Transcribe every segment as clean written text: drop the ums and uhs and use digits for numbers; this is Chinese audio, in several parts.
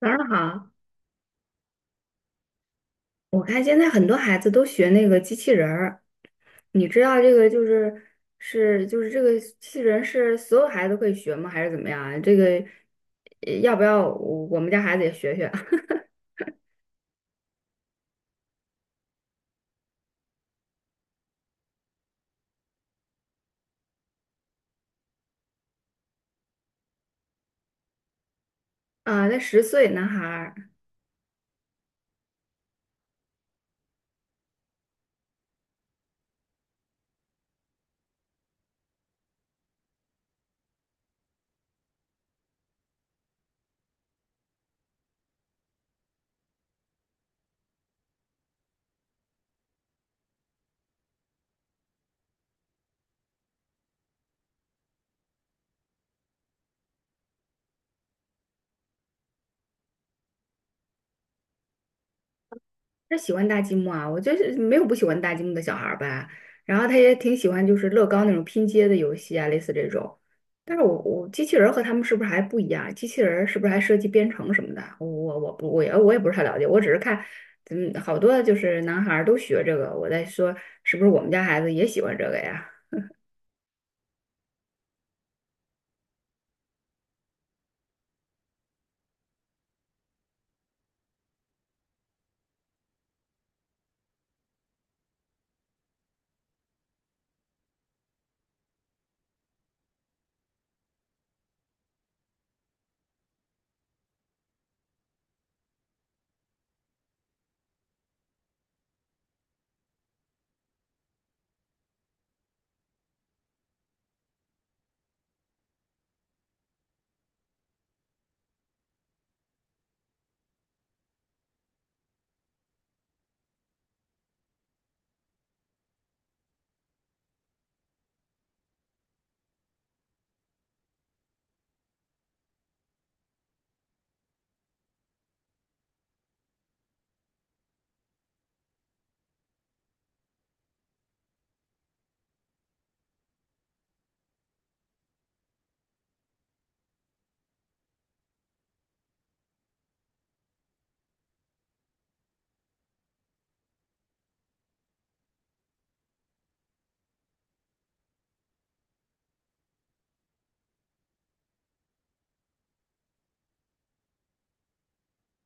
早上好，我看现在很多孩子都学那个机器人儿，你知道这个就是这个机器人是所有孩子都可以学吗？还是怎么样啊？这个要不要我们家孩子也学学 啊？那10岁男孩儿。他喜欢搭积木啊，我就是没有不喜欢搭积木的小孩儿吧。然后他也挺喜欢就是乐高那种拼接的游戏啊，类似这种。但是我机器人儿和他们是不是还不一样？机器人儿是不是还涉及编程什么的？我也不是太了解，我只是看，嗯，好多就是男孩儿都学这个，我在说是不是我们家孩子也喜欢这个呀？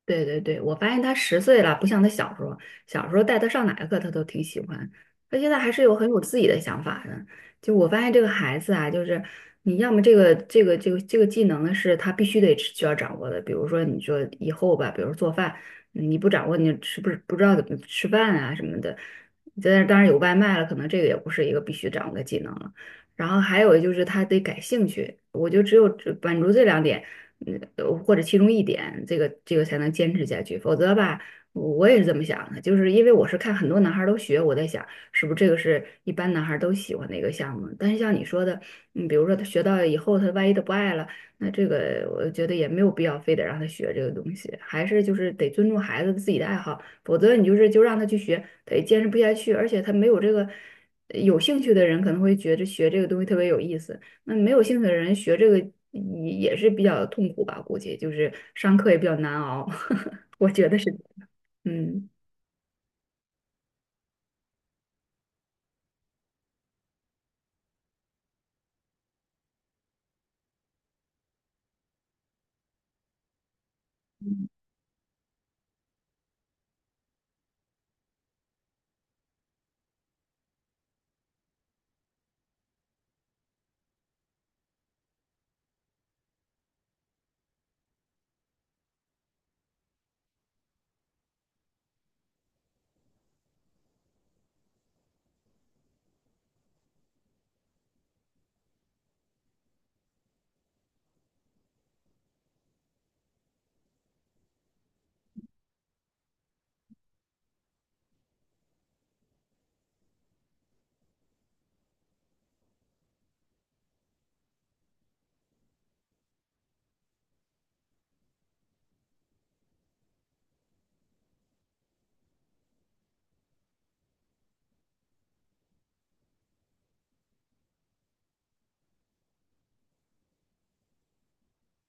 对对对，我发现他十岁了，不像他小时候，小时候带他上哪个课他都挺喜欢，他现在还是有很有自己的想法的。就我发现这个孩子啊，就是你要么这个技能呢是他必须得需要掌握的，比如说你说以后吧，比如做饭，你不掌握你是不是不知道怎么吃饭啊什么的。但是当然有外卖了，可能这个也不是一个必须掌握的技能了。然后还有就是他得感兴趣，我就只满足这两点。嗯，或者其中一点，这个才能坚持下去。否则吧，我也是这么想的，就是因为我是看很多男孩儿都学，我在想是不是这个是一般男孩儿都喜欢的一个项目。但是像你说的，比如说他学到以后，他万一他不爱了，那这个我觉得也没有必要非得让他学这个东西，还是就是得尊重孩子自己的爱好，否则你就是就让他去学，他也坚持不下去，而且他没有这个有兴趣的人可能会觉得学这个东西特别有意思。那没有兴趣的人学这个也是比较痛苦吧，估计就是上课也比较难熬，我觉得是，嗯。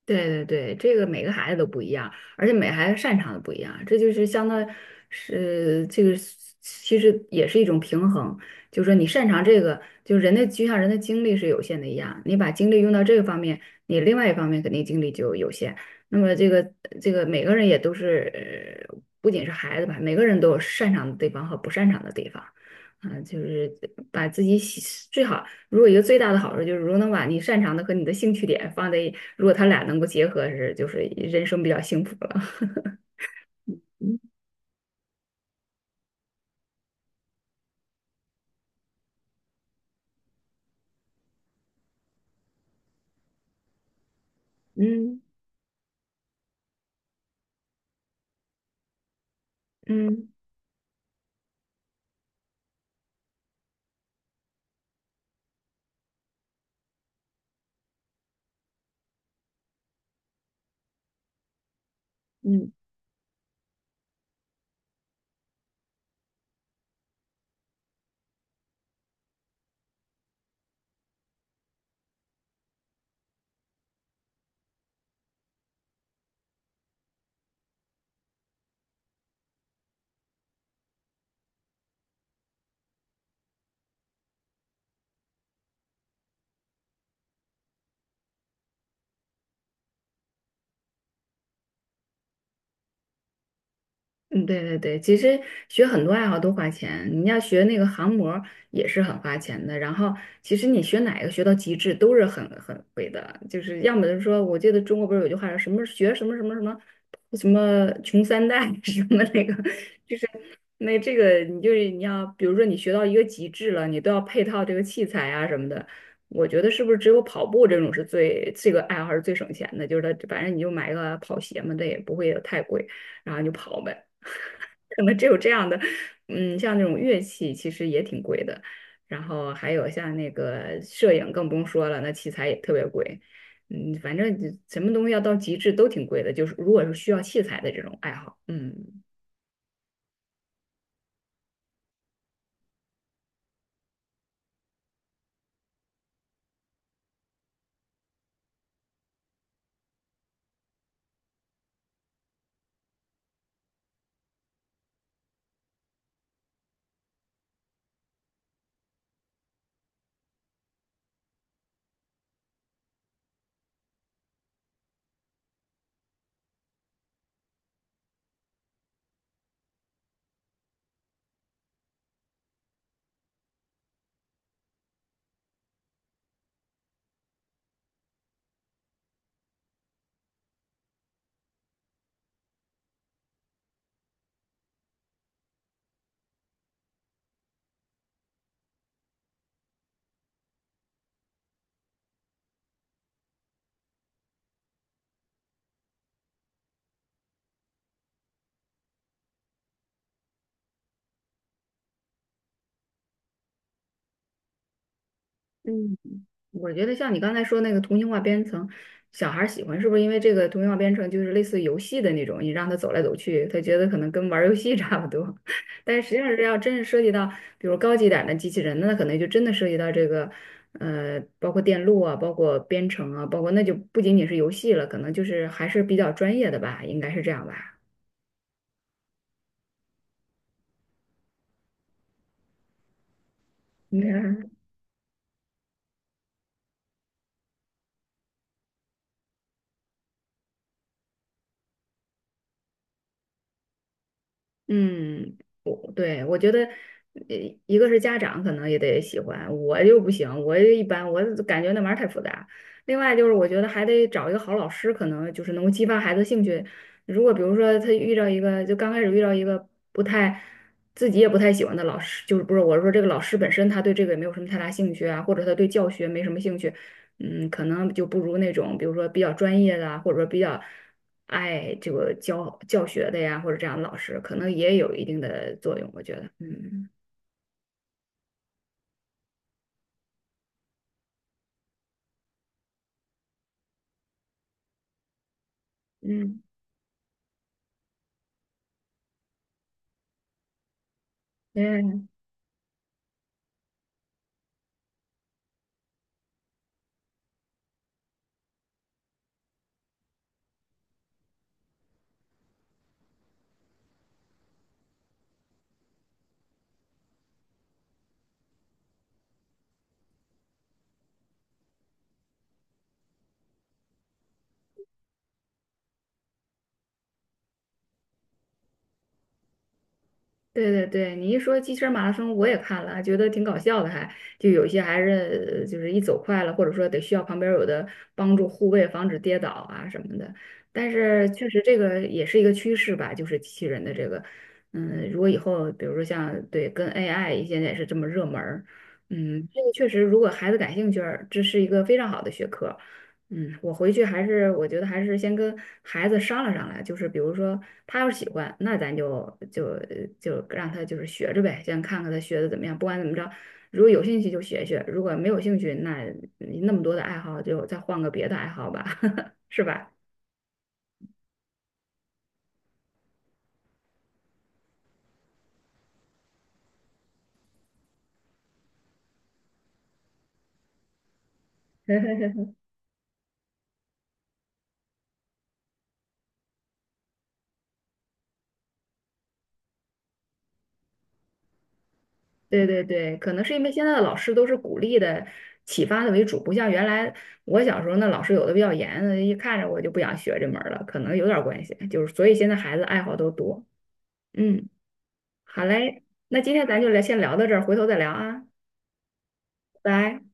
对对对，这个每个孩子都不一样，而且每个孩子擅长的不一样，这就是相当是这个是其实也是一种平衡，就是说你擅长这个，就人的就像人的精力是有限的一样，你把精力用到这个方面，你另外一方面肯定精力就有限。那么这个每个人也都是，不仅是孩子吧，每个人都有擅长的地方和不擅长的地方，啊、就是把自己喜最好。如果一个最大的好处就是，如果能把你擅长的和你的兴趣点放在一，如果他俩能够结合是，就是人生比较幸福了。嗯嗯嗯嗯，对对对，其实学很多爱好都花钱，你要学那个航模也是很花钱的。然后，其实你学哪个学到极致都是很贵的，就是要么就是说，我记得中国不是有句话说什么学什么什么什么什么穷三代 什么那个，那这个你就是你要，比如说你学到一个极致了，你都要配套这个器材啊什么的。我觉得是不是只有跑步这种是最这个爱好是最省钱的？就是它反正你就买个跑鞋嘛，它也不会太贵，然后你就跑呗。可能只有这样的，嗯，像那种乐器其实也挺贵的，然后还有像那个摄影更不用说了，那器材也特别贵。嗯，反正就什么东西要到极致都挺贵的，就是如果是需要器材的这种爱好，嗯。嗯，我觉得像你刚才说那个图形化编程，小孩儿喜欢是不是因为这个图形化编程就是类似于游戏的那种，你让他走来走去，他觉得可能跟玩儿游戏 差不多。但是实际上是要真是涉及到，比如高级点儿的机器人，那可能就真的涉及到这个，包括电路啊，包括编程啊，包括那就不仅仅是游戏了，可能就是还是比较专业的吧，应该是这样吧？应该嗯，我觉得，呃一个是家长可能也得喜欢，我就不行，我就一般，我就感觉那玩意儿太复杂。另外就是，我觉得还得找一个好老师，可能就是能够激发孩子兴趣。如果比如说他遇到一个，就刚开始遇到一个不太自己也不太喜欢的老师，就是不是我是说这个老师本身他对这个也没有什么太大兴趣啊，或者他对教学没什么兴趣，嗯，可能就不如那种比如说比较专业的啊，或者说比较。爱这个教学的呀，或者这样的老师，可能也有一定的作用，我觉得，嗯嗯。嗯，对对对，你一说机器人马拉松，我也看了，还觉得挺搞笑的还，就有一些还是就是一走快了，或者说得需要旁边有的帮助护卫，防止跌倒啊什么的。但是确实这个也是一个趋势吧，就是机器人的这个，嗯，如果以后比如说像对跟 AI 现在也是这么热门儿，嗯，这个确实如果孩子感兴趣儿，这是一个非常好的学科。嗯，我回去还是我觉得还是先跟孩子商量商量，就是比如说他要是喜欢，那咱就让他就是学着呗，先看看他学的怎么样。不管怎么着，如果有兴趣就学学，如果没有兴趣，那你那么多的爱好就再换个别的爱好吧，是吧？对对对，可能是因为现在的老师都是鼓励的、启发的为主，不像原来我小时候那老师有的比较严，一看着我就不想学这门儿了，可能有点儿关系，就是所以现在孩子爱好都多，嗯。好嘞，那今天咱就聊，先聊到这儿，回头再聊啊，拜拜。